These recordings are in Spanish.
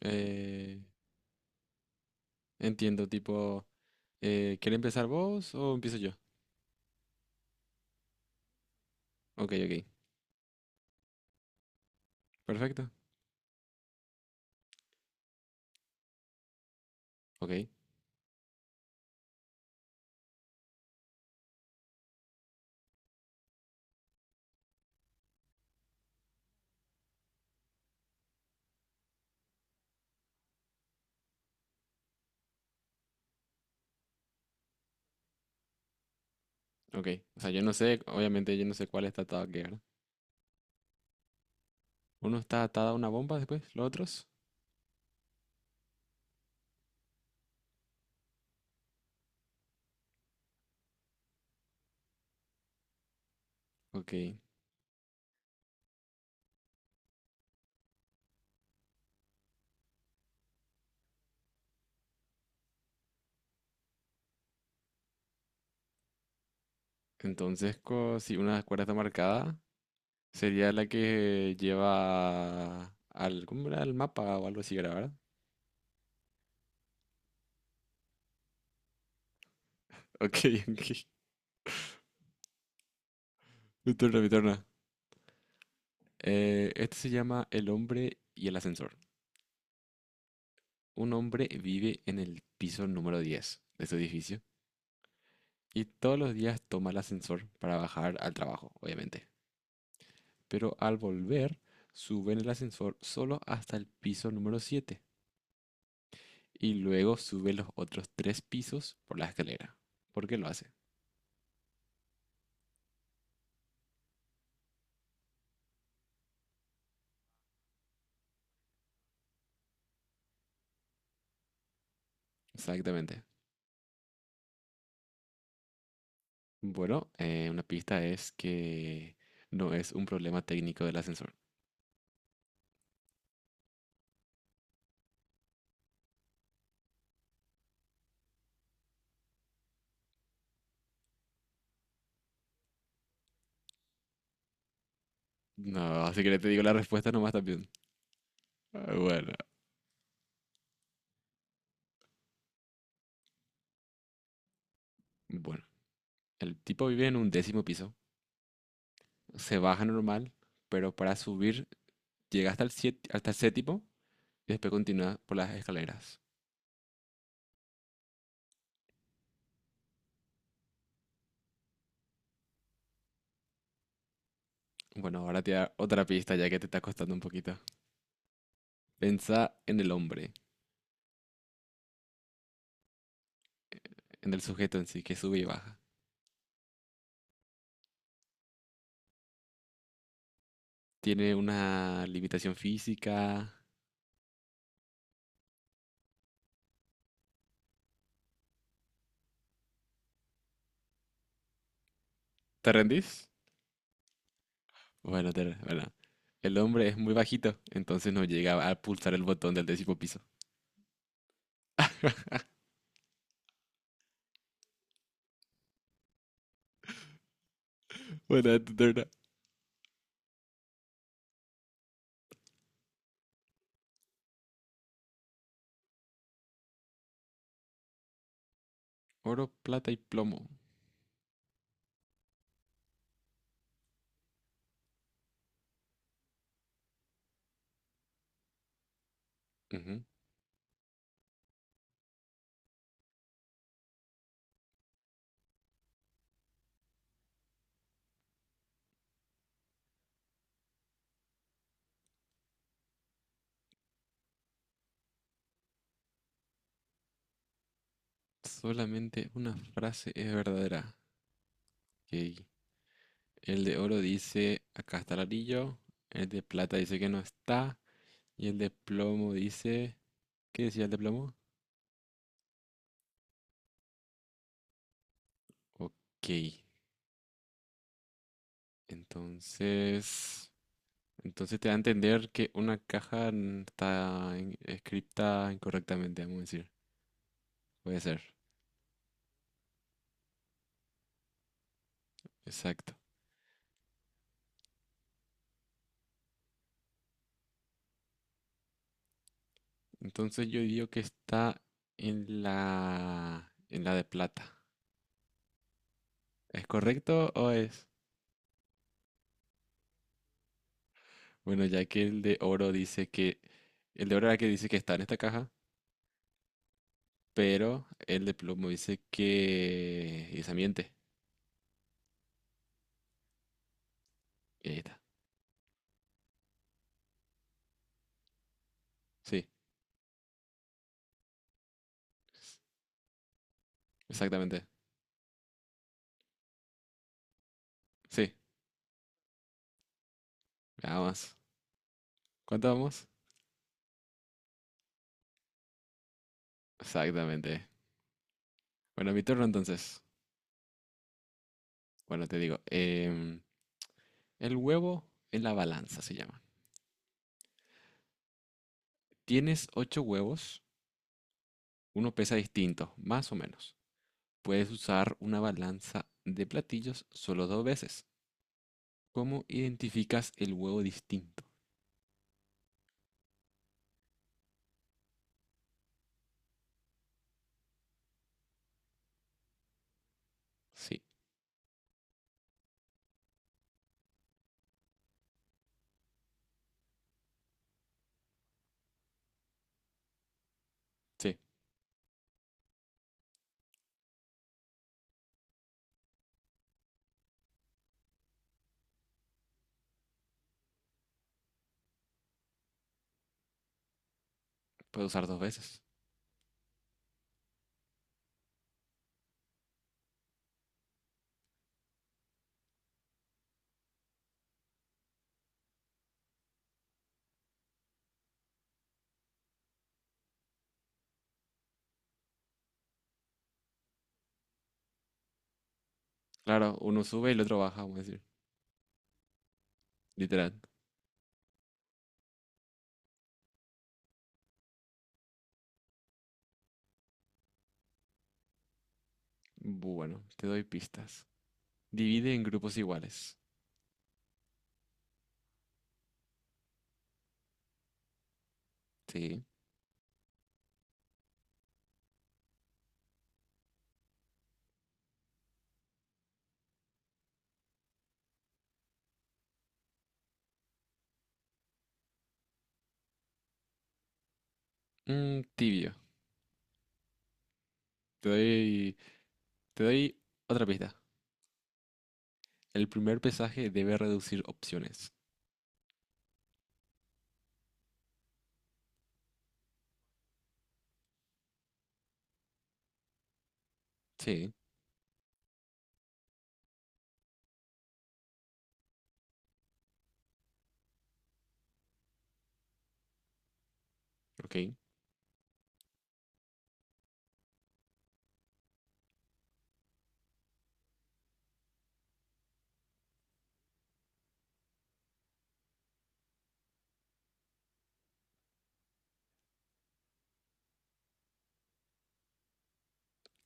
Eh, entiendo, tipo, ¿quiere empezar vos o empiezo yo? Ok, ok. Perfecto. Ok, ok. O sea, yo no sé, obviamente yo no sé cuál está atado a qué, ¿verdad? Uno está atado a una bomba después, los otros. Ok. Entonces, si una cuerda está marcada, sería la que lleva al, ¿cómo era? Al mapa o algo así, era, ¿verdad? Ok, ok. Mi turno, mi turno. Este se llama El hombre y el ascensor. Un hombre vive en el piso número 10 de su edificio. Y todos los días toma el ascensor para bajar al trabajo, obviamente. Pero al volver, sube en el ascensor solo hasta el piso número 7. Y luego sube los otros 3 pisos por la escalera. ¿Por qué lo hace? Exactamente. Bueno, una pista es que no es un problema técnico del ascensor. No, así que le te digo la respuesta nomás también. Ah, bueno. El tipo vive en un décimo piso. Se baja normal, pero para subir llega hasta el siete, hasta el séptimo y después continúa por las escaleras. Bueno, ahora te da otra pista ya que te está costando un poquito. Pensá en el hombre, en el sujeto en sí, que sube y baja. ¿Tiene una limitación física? ¿Te rendís? Bueno. El hombre es muy bajito, entonces no llega a pulsar el botón del décimo piso. Bueno, es tu turno. Oro, plata y plomo. Ujú. Solamente una frase es verdadera. Ok. El de oro dice, acá está el anillo. El de plata dice que no está. Y el de plomo dice, ¿qué decía el de plomo? Ok, entonces, entonces te da a entender que una caja está escrita incorrectamente, vamos a decir. Puede ser, exacto. Entonces yo digo que está en en la de plata. ¿Es correcto o es? Bueno, ya que el de oro dice que, el de oro era el que dice que está en esta caja, pero el de plomo dice que, y se miente. Y ahí está. Sí. Exactamente. Sí, vamos. ¿Cuánto vamos? Exactamente. Bueno, mi turno entonces. Bueno, te digo. El huevo en la balanza se llama. Tienes 8 huevos, uno pesa distinto, más o menos. Puedes usar una balanza de platillos solo 2 veces. ¿Cómo identificas el huevo distinto? Sí, sí, puedes usar 2 veces. Claro, uno sube y el otro baja, vamos a decir. Literal. Bueno, te doy pistas. Divide en grupos iguales. Sí. Mm, tibio. Te doy, te doy otra pista. El primer pesaje debe reducir opciones. Sí, ok.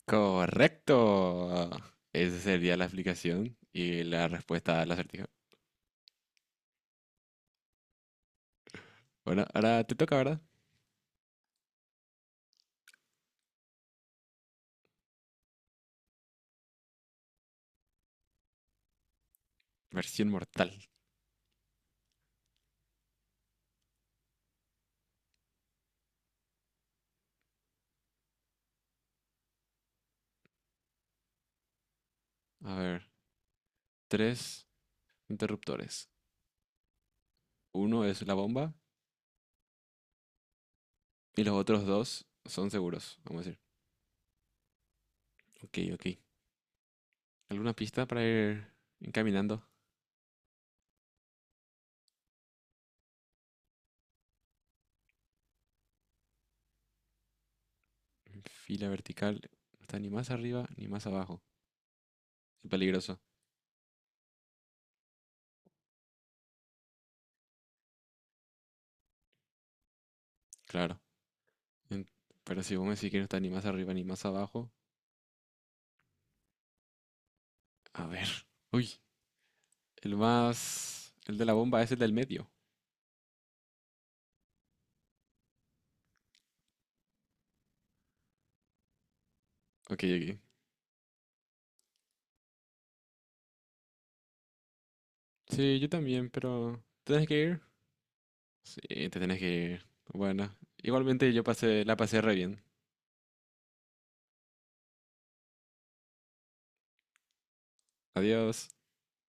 Correcto. Esa sería la explicación y la respuesta al acertijo. Bueno, ahora te toca, ¿verdad? Versión mortal. A ver, 3 interruptores. Uno es la bomba y los otros dos son seguros, vamos a decir. Ok, ok. ¿Alguna pista para ir encaminando? Fila vertical. No está ni más arriba ni más abajo. Es peligroso. Claro. En- Pero si vos me decís que no está ni más arriba ni más abajo. A ver. Uy, el más. El de la bomba es el del medio. Ok, ok. Sí, yo también, pero. ¿Te tenés que ir? Sí, te tenés que ir. Bueno, igualmente yo pasé, la pasé re bien. Adiós.